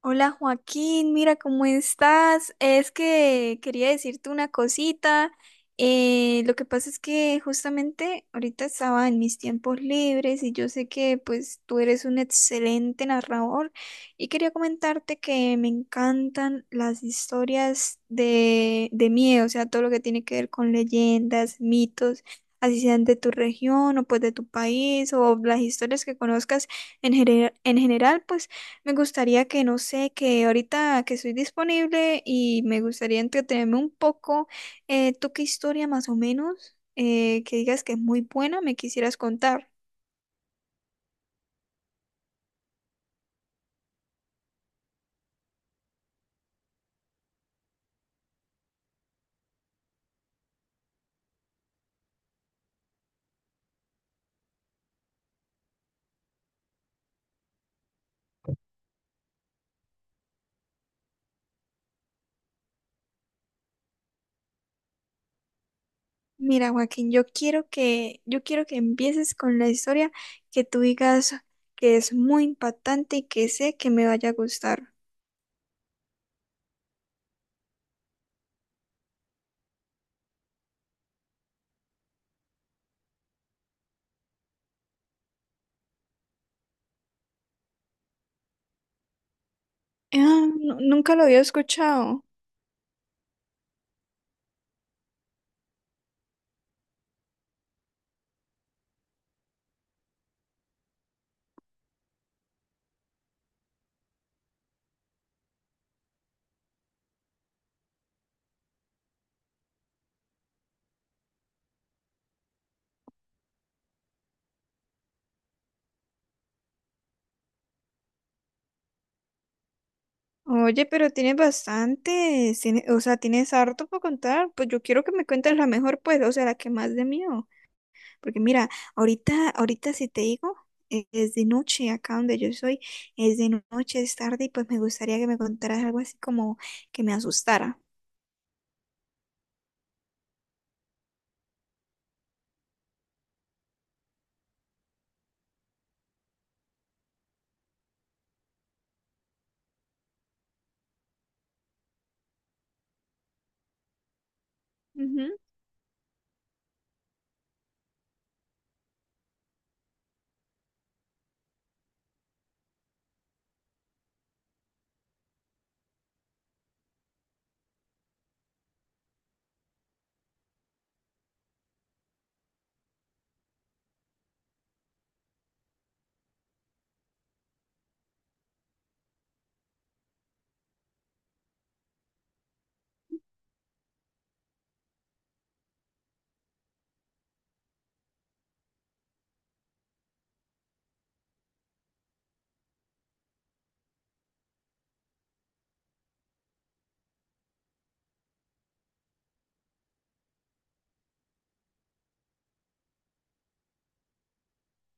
Hola Joaquín, mira cómo estás. Es que quería decirte una cosita. Lo que pasa es que justamente ahorita estaba en mis tiempos libres y yo sé que pues tú eres un excelente narrador y quería comentarte que me encantan las historias de miedo, o sea, todo lo que tiene que ver con leyendas, mitos, así sean de tu región o pues de tu país o las historias que conozcas en, en general, pues. Me gustaría que, no sé, que ahorita que soy disponible y me gustaría entretenerme un poco, ¿tú qué historia más o menos que digas que es muy buena me quisieras contar? Mira, Joaquín, yo quiero que empieces con la historia que tú digas que es muy impactante y que sé que me vaya a gustar. Ah, nunca lo había escuchado. Oye, pero tienes bastante, o sea, tienes harto para contar. Pues yo quiero que me cuentes la mejor, pues, o sea, la que más de mí. Porque mira, ahorita si te digo, es de noche acá donde yo soy, es de noche, es tarde y pues me gustaría que me contaras algo así como que me asustara. Ujú.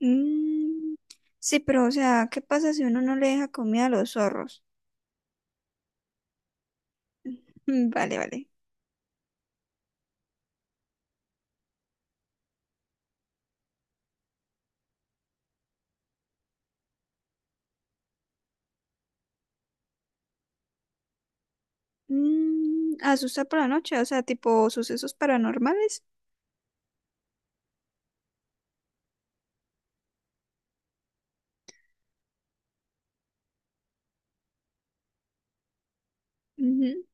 Mm, sí, pero o sea, ¿qué pasa si uno no le deja comida a los zorros? Mm, vale, vale. Mm, asustar por la noche, o sea, tipo sucesos paranormales. Ujú.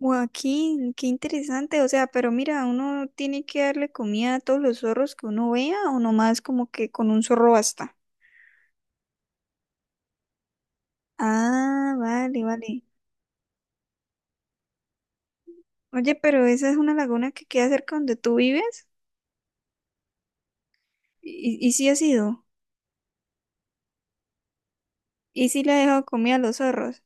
Joaquín, qué interesante, o sea, pero mira, uno tiene que darle comida a todos los zorros que uno vea o nomás como que con un zorro basta. Ah, vale, vale. Oye, pero esa es una laguna que queda cerca donde tú vives. Y sí ha sido. Y sí le ha dejado comida a los zorros.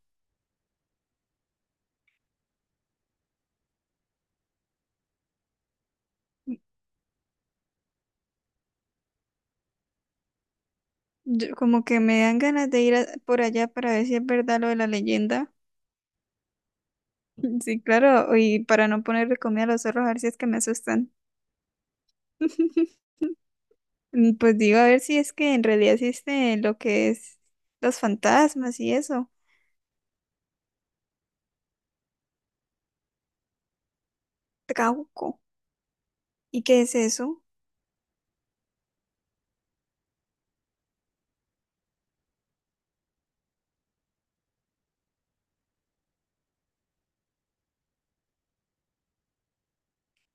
Como que me dan ganas de por allá para ver si es verdad lo de la leyenda. Sí, claro. Y para no ponerle comida a los zorros, a ver si es que me asustan. Mm, pues digo, a ver si es que en realidad existe lo que es los fantasmas y eso. Trauco. ¿Y qué es eso?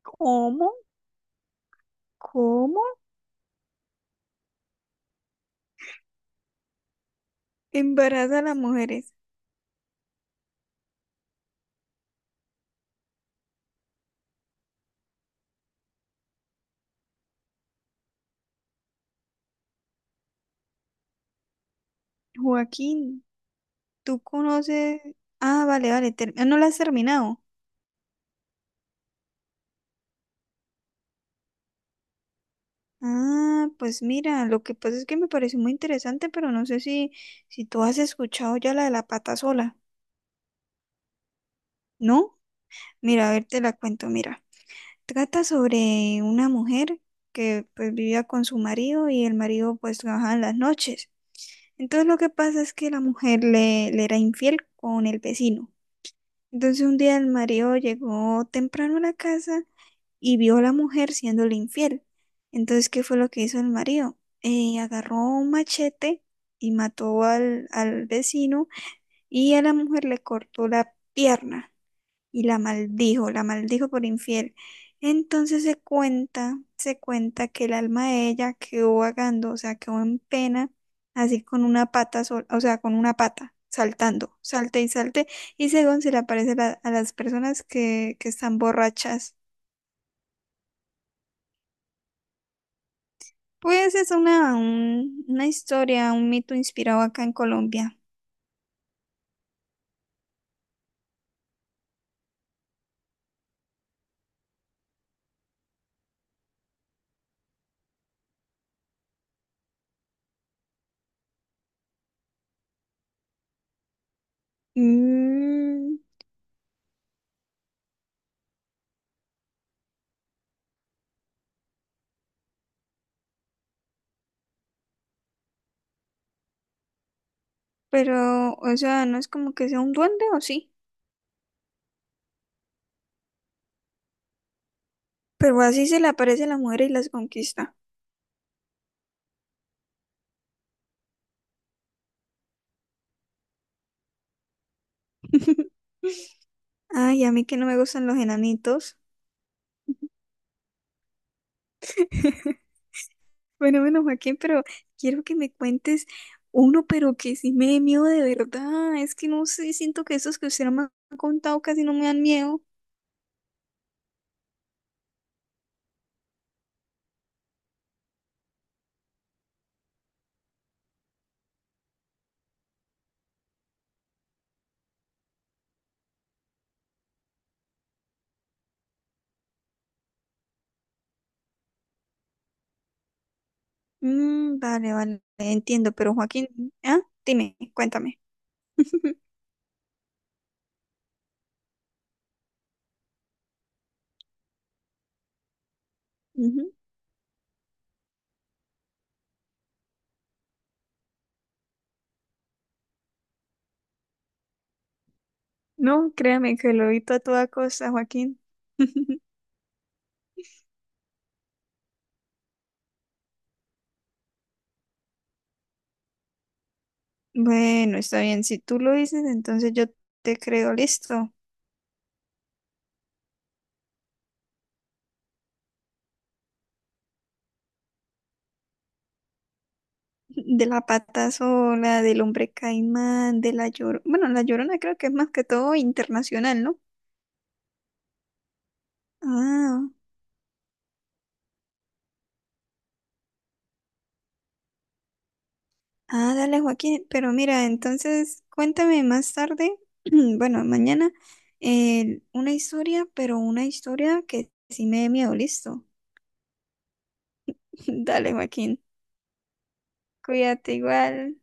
¿Cómo? ¿Cómo? Embaraza a las mujeres. Joaquín. ¿Tú conoces? Ah, vale, vale, ah, no la has terminado. Ah, pues mira, lo que pasa es que me pareció muy interesante, pero no sé si, si tú has escuchado ya la de la pata sola, ¿no? Mira, a ver, te la cuento, mira. Trata sobre una mujer que pues vivía con su marido y el marido pues trabajaba en las noches. Entonces lo que pasa es que la mujer le era infiel con el vecino. Entonces un día el marido llegó temprano a la casa y vio a la mujer siéndole infiel. Entonces, ¿qué fue lo que hizo el marido? Agarró un machete y mató al vecino y a la mujer le cortó la pierna y la maldijo por infiel. Entonces se cuenta que el alma de ella quedó vagando, o sea, quedó en pena, así con una pata sola, o sea, con una pata, saltando, salte y salte, y según se le aparece a las personas que están borrachas. Pues es una, una historia, un mito inspirado acá en Colombia. Mm, pero, o sea, no es como que sea un duende o sí. Pero así se le aparece a la mujer y las conquista. Ay, a mí que no me gustan los enanitos. Bueno, bueno, Joaquín, pero quiero que me cuentes uno, pero que sí me dé miedo de verdad. Es que no sé, siento que esos que usted no me ha contado casi no me dan miedo. Mm, vale, vale, entiendo, pero Joaquín, ¿ah? Dime, cuéntame. Ujú. No, créame que lo evito a toda costa, Joaquín. Bueno, está bien, si tú lo dices, entonces yo te creo, listo. De la pata sola, del hombre caimán, de la llorona. Bueno, la llorona creo que es más que todo internacional, ¿no? Ah, ah, dale, Joaquín. Pero mira, entonces cuéntame más tarde, bueno, mañana, una historia, pero una historia que sí me dé miedo, listo. Dale, Joaquín. Cuídate igual.